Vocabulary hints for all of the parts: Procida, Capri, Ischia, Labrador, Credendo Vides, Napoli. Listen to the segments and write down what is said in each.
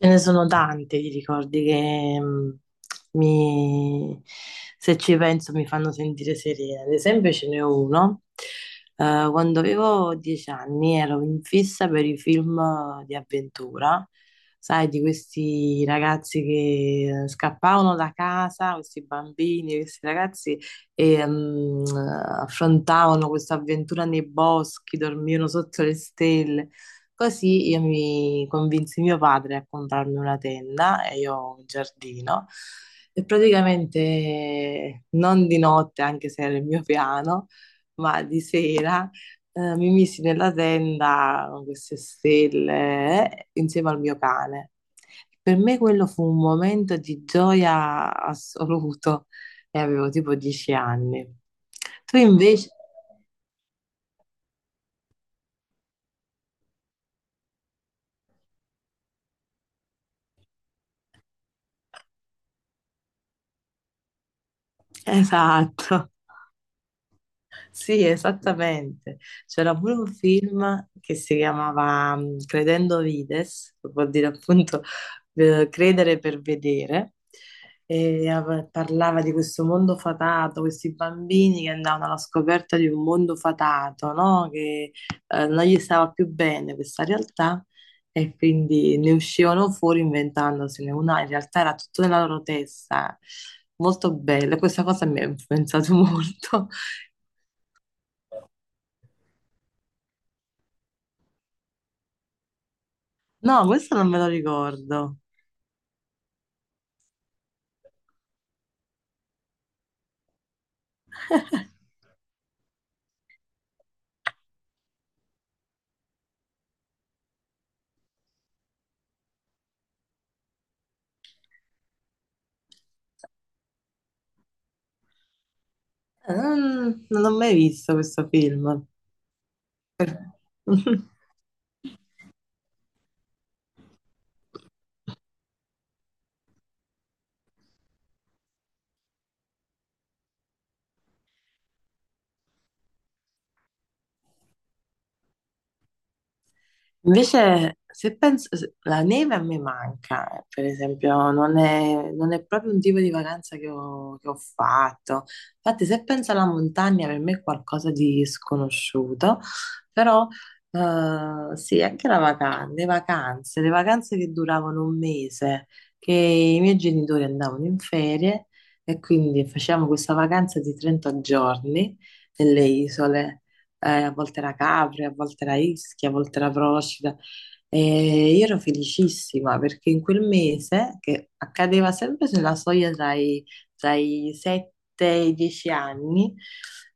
Ce ne sono tanti di ricordi che mi, se ci penso mi fanno sentire serena. Ad esempio, ce n'è uno. Quando avevo 10 anni ero in fissa per i film di avventura, sai, di questi ragazzi che scappavano da casa, questi bambini, questi ragazzi, e affrontavano questa avventura nei boschi, dormivano sotto le stelle. Così io mi convinsi mio padre a comprarmi una tenda e io ho un giardino e praticamente non di notte, anche se era il mio piano, ma di sera mi misi nella tenda con queste stelle insieme al mio cane. Per me quello fu un momento di gioia assoluto e avevo tipo 10 anni. Tu invece, esatto. Sì, esattamente. C'era pure un film che si chiamava Credendo Vides, che vuol dire appunto credere per vedere, e parlava di questo mondo fatato, questi bambini che andavano alla scoperta di un mondo fatato, no? Che non gli stava più bene questa realtà e quindi ne uscivano fuori inventandosene una, in realtà era tutto nella loro testa. Molto bello, questa cosa mi ha influenzato molto. No, questo non me lo ricordo. Non ho mai visto questo film. Per- Invece, se penso, la neve a me manca, per esempio, non è proprio un tipo di vacanza che ho fatto. Infatti, se penso alla montagna, per me è qualcosa di sconosciuto, però sì, anche la vacanza, le vacanze che duravano un mese, che i miei genitori andavano in ferie e quindi facevamo questa vacanza di 30 giorni nelle isole a volte era Capri, a volte era Ischia, a volte era Procida. E io ero felicissima perché in quel mese, che accadeva sempre sulla soglia tra i 7 e i 10 anni,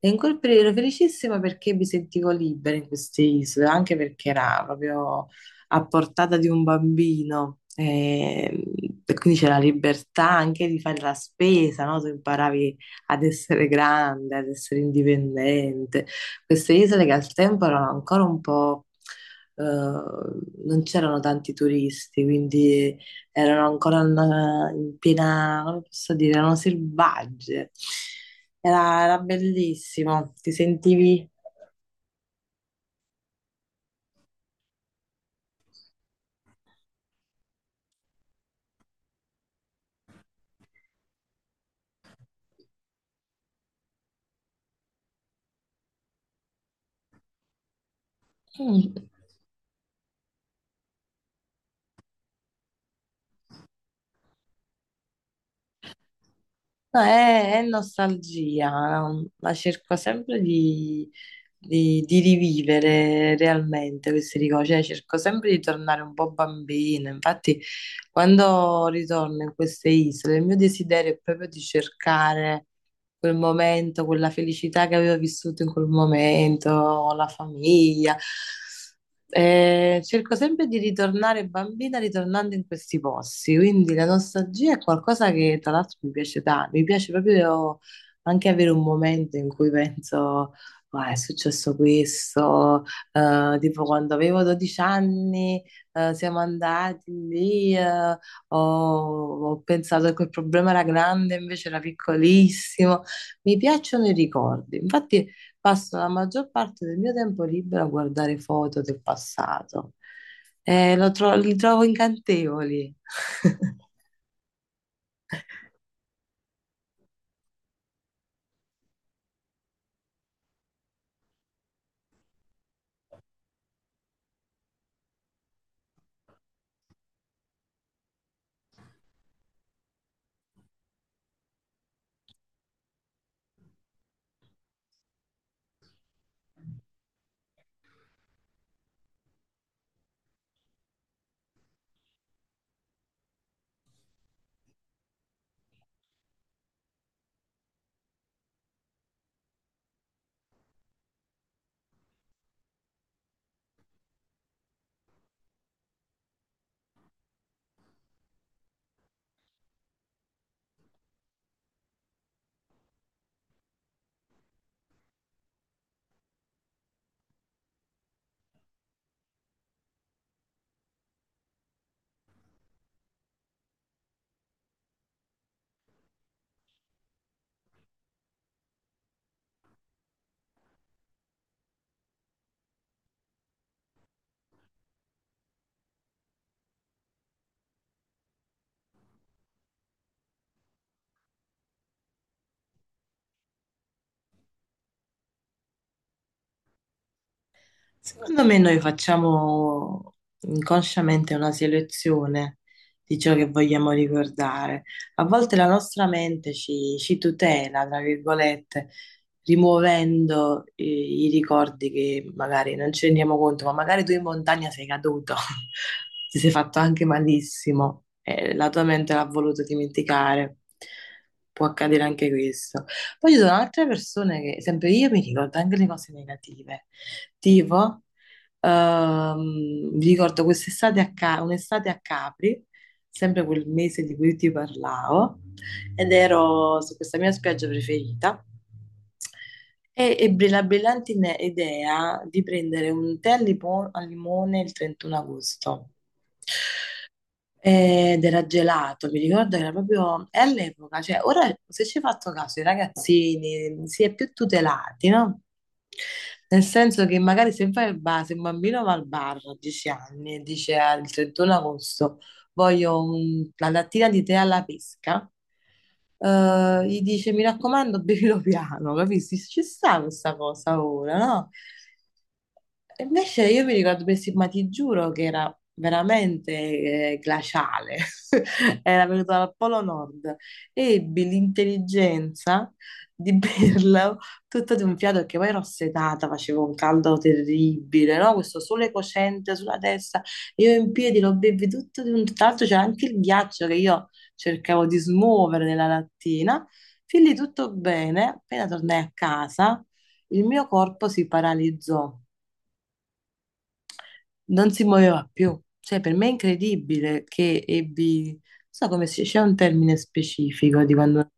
le incolpevoli ero felicissima perché mi sentivo libera in queste isole, anche perché era proprio a portata di un bambino. E quindi c'era la libertà anche di fare la spesa, no? Tu imparavi ad essere grande, ad essere indipendente. Queste isole che al tempo erano ancora un po', non c'erano tanti turisti, quindi erano ancora in piena, come posso dire, erano selvagge. Era bellissimo, ti sentivi. Mm. No, è nostalgia, ma cerco sempre di rivivere realmente questi ricordi, cioè cerco sempre di tornare un po' bambina. Infatti, quando ritorno in queste isole, il mio desiderio è proprio di cercare quel momento, quella felicità che avevo vissuto in quel momento, con la famiglia. Cerco sempre di ritornare bambina ritornando in questi posti, quindi la nostalgia è qualcosa che tra l'altro mi piace tanto, mi piace proprio anche avere un momento in cui penso, "Ah, è successo questo, tipo quando avevo 12 anni, siamo andati lì, ho pensato che quel problema era grande, invece era piccolissimo, mi piacciono i ricordi, infatti passo la maggior parte del mio tempo libero a guardare foto del passato. Li trovo incantevoli. Secondo me noi facciamo inconsciamente una selezione di ciò che vogliamo ricordare. A volte la nostra mente ci tutela, tra virgolette, rimuovendo i ricordi che magari non ci rendiamo conto, ma magari tu in montagna sei caduto, ti sei fatto anche malissimo e la tua mente l'ha voluto dimenticare. Può accadere anche questo. Poi ci sono altre persone che, sempre io, mi ricordo anche le cose negative sportivo. Vi ricordo quest'estate a un'estate a Capri, sempre quel mese di cui ti parlavo, ed ero su questa mia spiaggia preferita. E ebbi la brillante idea di prendere un tè al limone il 31 agosto. Ed era gelato, mi ricordo che era proprio è all'epoca, cioè ora se ci hai fatto caso i ragazzini si è più tutelati, no? Nel senso che magari se vai al bar, se un bambino va al bar a 10 anni e dice al 31 agosto voglio una lattina di tè alla pesca, gli dice mi raccomando bevilo piano, capisci? Ci sta questa cosa ora, no? E invece io mi ricordo Pessima, ma ti giuro che era veramente glaciale, era venuto dal Polo Nord, ebbi l'intelligenza di berlo tutto di un fiato, perché poi ero assetata, faceva un caldo terribile, no? Questo sole cocente sulla testa, io in piedi lo bevi tutto di un. Tra l'altro c'era anche il ghiaccio che io cercavo di smuovere nella lattina, fin lì tutto bene, appena tornai a casa il mio corpo si paralizzò. Non si muoveva più. Cioè, per me è incredibile che ebbi, non so come si, c'è un termine specifico di quando,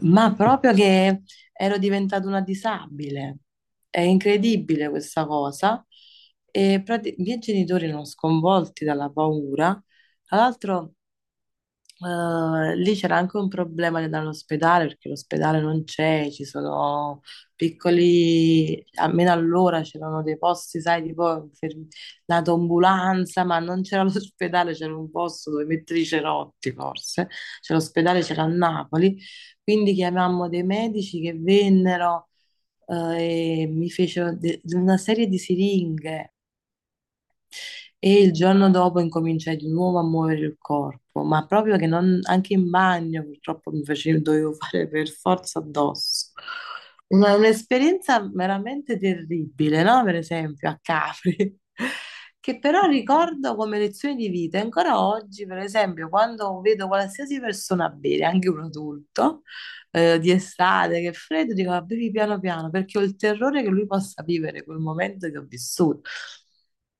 ma proprio che ero diventata una disabile. È incredibile questa cosa. E i miei genitori erano sconvolti dalla paura. Tra l'altro. Lì c'era anche un problema di andare all'ospedale perché l'ospedale non c'è, ci sono piccoli, almeno allora c'erano dei posti, sai, tipo per la tombulanza, ma non c'era l'ospedale, c'era un posto dove mettere i cerotti forse, cioè l'ospedale c'era a Napoli, quindi chiamammo dei medici che vennero e mi fecero una serie di siringhe e il giorno dopo incominciai di nuovo a muovere il corpo, ma proprio che non, anche in bagno purtroppo mi facevo, dovevo fare per forza addosso. Un'esperienza veramente terribile, no? Per esempio a Capri, che però ricordo come lezione di vita. E ancora oggi, per esempio, quando vedo qualsiasi persona bere, anche un adulto, di estate, che è freddo, dico, "Ah, bevi piano piano, perché ho il terrore che lui possa vivere quel momento che ho vissuto.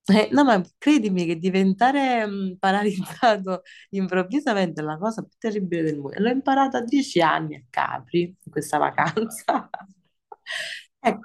No, ma credimi che diventare paralizzato improvvisamente è la cosa più terribile del mondo. E l'ho imparato a 10 anni a Capri, in questa vacanza.